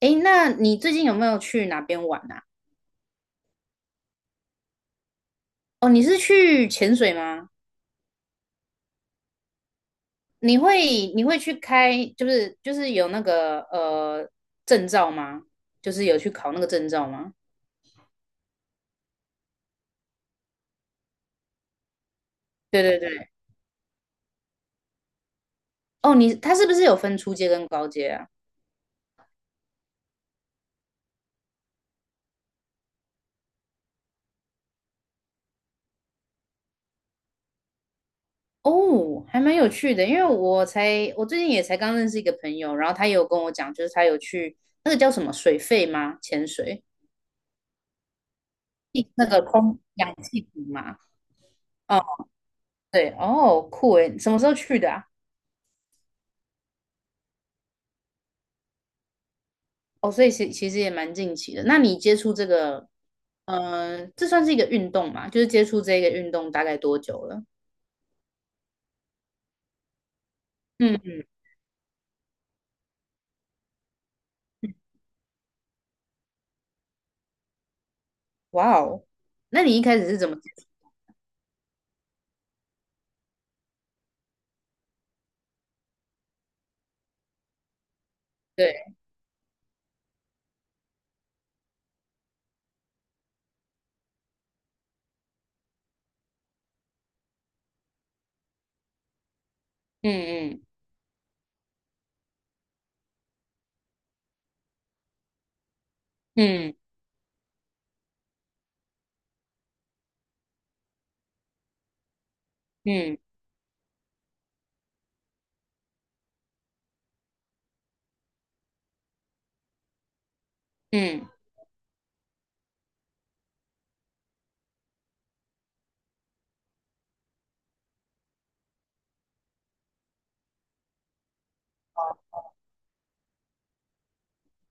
诶，那你最近有没有去哪边玩啊？哦，你是去潜水吗？你会去开，就是有那个证照吗？就是有去考那个证照吗？对对对。哦，你他是不是有分初阶跟高阶啊？哦，还蛮有趣的，因为我最近也才刚认识一个朋友，然后他也有跟我讲，就是他有去那个叫什么水肺吗？潜水，那个空氧气瓶嘛。哦，对，哦，酷诶，什么时候去的啊？哦，所以其实也蛮近期的。那你接触这个，这算是一个运动嘛？就是接触这个运动大概多久了？嗯，嗯，哇哦，那你一开始是怎么接触对。嗯。嗯。嗯。嗯。嗯，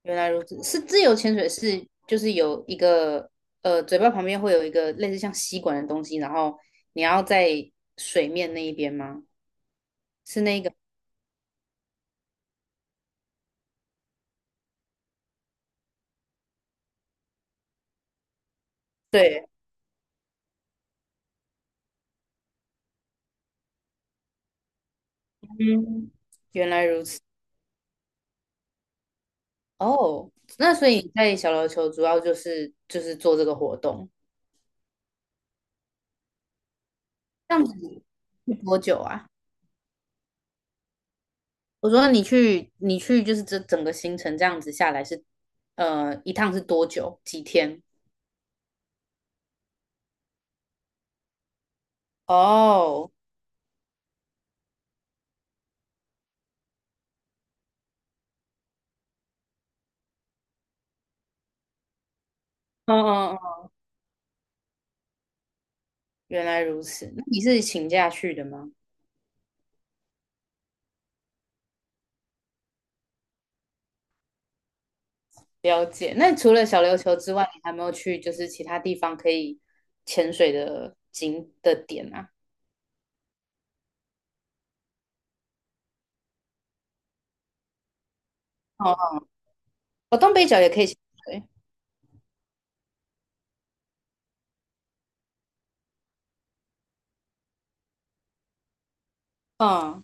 原来如此。是自由潜水是就是有一个嘴巴旁边会有一个类似像吸管的东西，然后你要在水面那一边吗？对，嗯，原来如此。哦，那所以你在小琉球主要就是做这个活动。这样子去多久啊？我说你去，你去就是这整个行程这样子下来是，呃，一趟是多久？几天？哦。哦哦。哦，原来如此。那你是请假去的吗？了解。那除了小琉球之外，你还没有去就是其他地方可以潜水的景的点啊？哦，哦，东北角也可以潜水。嗯，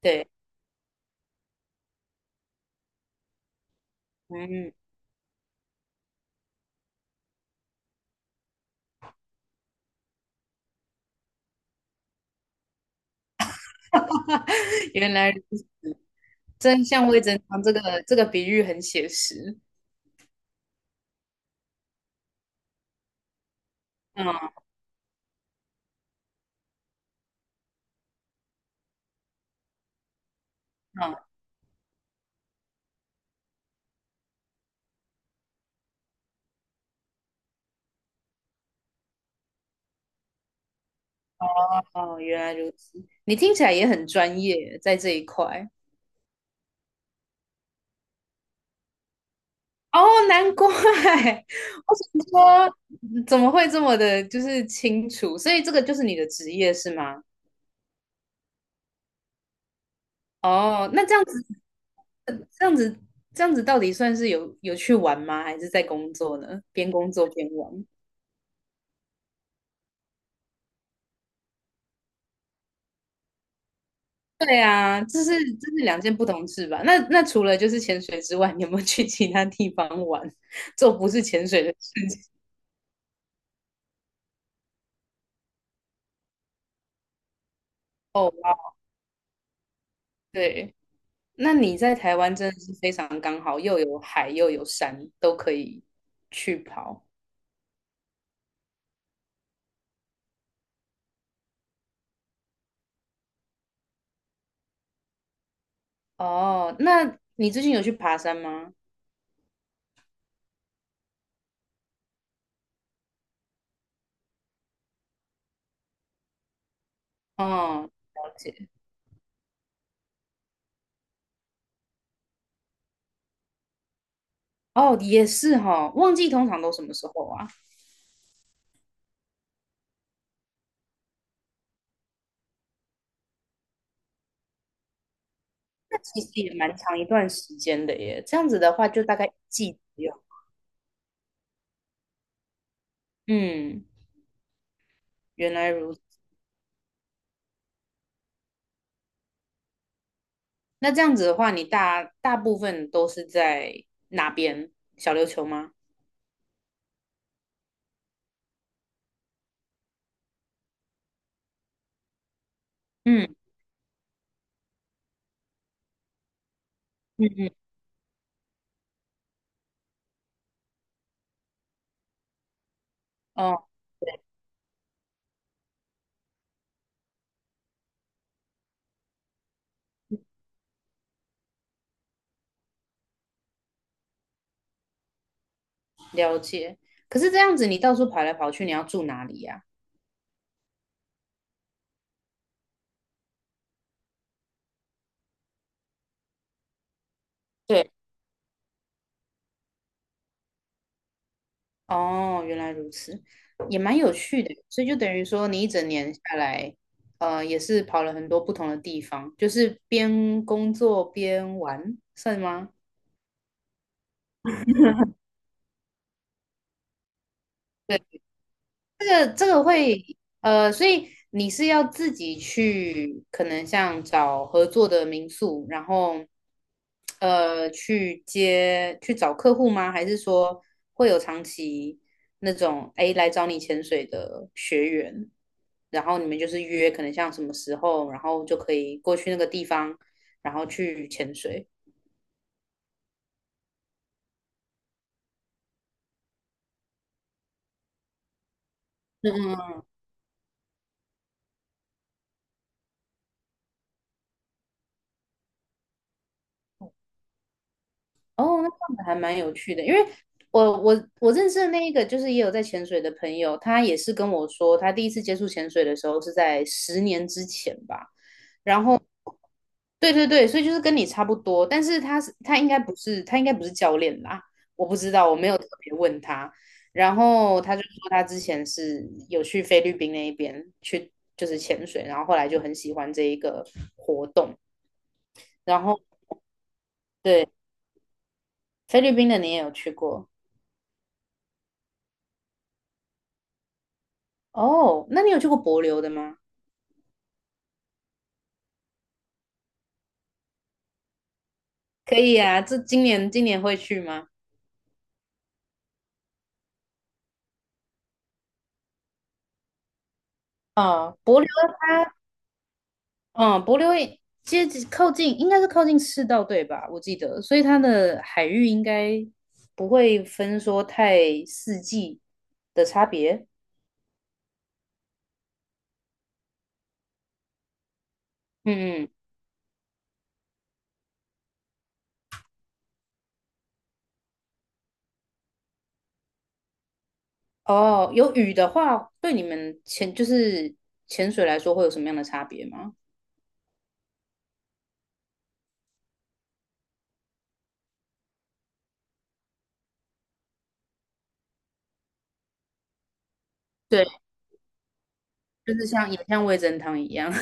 对，嗯，原来如此，真相未真汤这个这个比喻很写实。嗯嗯。哦，原来如此，你听起来也很专业，在这一块。哦，难怪，我想说怎么会这么的，就是清楚？所以这个就是你的职业是吗？哦，那这样子，这样子，这样子到底算是有有去玩吗？还是在工作呢？边工作边玩？对啊，这是这是两件不同事吧？那那除了就是潜水之外，你有没有去其他地方玩，做不是潜水的事情？哦，哇，对。那你在台湾真的是非常刚好，又有海又有山，都可以去跑。哦，那你最近有去爬山吗？哦，了解。哦，也是哈、哦旺季通常都什么时候啊？那其实也蛮长一段时间的耶。这样子的话，就大概一季左右。嗯，原来如此。那这样子的话，你大部分都是在哪边？小琉球吗？嗯嗯嗯，哦。了解。可是这样子，你到处跑来跑去，你要住哪里呀、对，哦，原来如此，也蛮有趣的。所以就等于说，你一整年下来，呃，也是跑了很多不同的地方，就是边工作边玩，算吗？对。这个这个会所以你是要自己去，可能像找合作的民宿，然后去找客户吗？还是说会有长期那种哎来找你潜水的学员，然后你们就是约可能像什么时候，然后就可以过去那个地方，然后去潜水。哦，那这样子还蛮有趣的，因为我认识的那一个就是也有在潜水的朋友，他也是跟我说，他第一次接触潜水的时候是在十年之前吧，然后对对对，所以就是跟你差不多，但是他应该不是他应该不是教练啦，我不知道，我没有特别问他，然后他就说他之前是有去菲律宾那一边去就是潜水，然后后来就很喜欢这一个活动，然后对菲律宾的你也有去过。哦，那你有去过帛琉的吗？可以啊，这今年会去吗？哦，帛琉它，嗯，帛琉也靠近，应该是靠近赤道对吧？我记得，所以它的海域应该不会分说太四季的差别。嗯嗯，哦，有雨的话，对你们就是潜水来说会有什么样的差别吗？对，就是像也像味噌汤一样，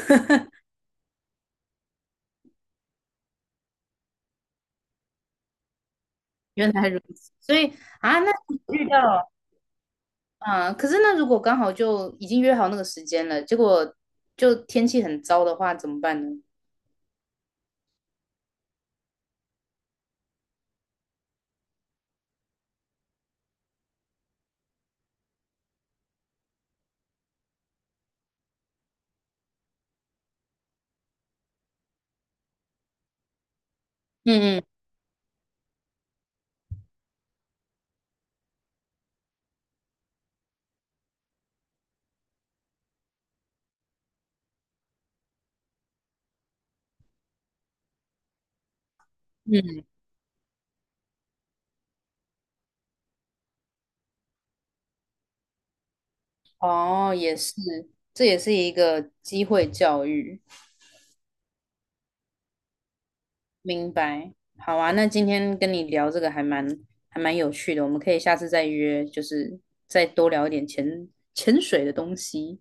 原来如此。所以啊，那你遇到。啊，可是那如果刚好就已经约好那个时间了，结果就天气很糟的话，怎么办呢？嗯。嗯。嗯，哦，也是，这也是一个机会教育，明白。好啊，那今天跟你聊这个还蛮有趣的，我们可以下次再约，就是再多聊一点潜水的东西。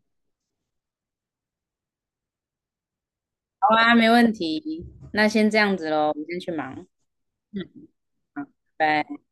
好啊，没问题。那先这样子喽，我先去忙，嗯，拜。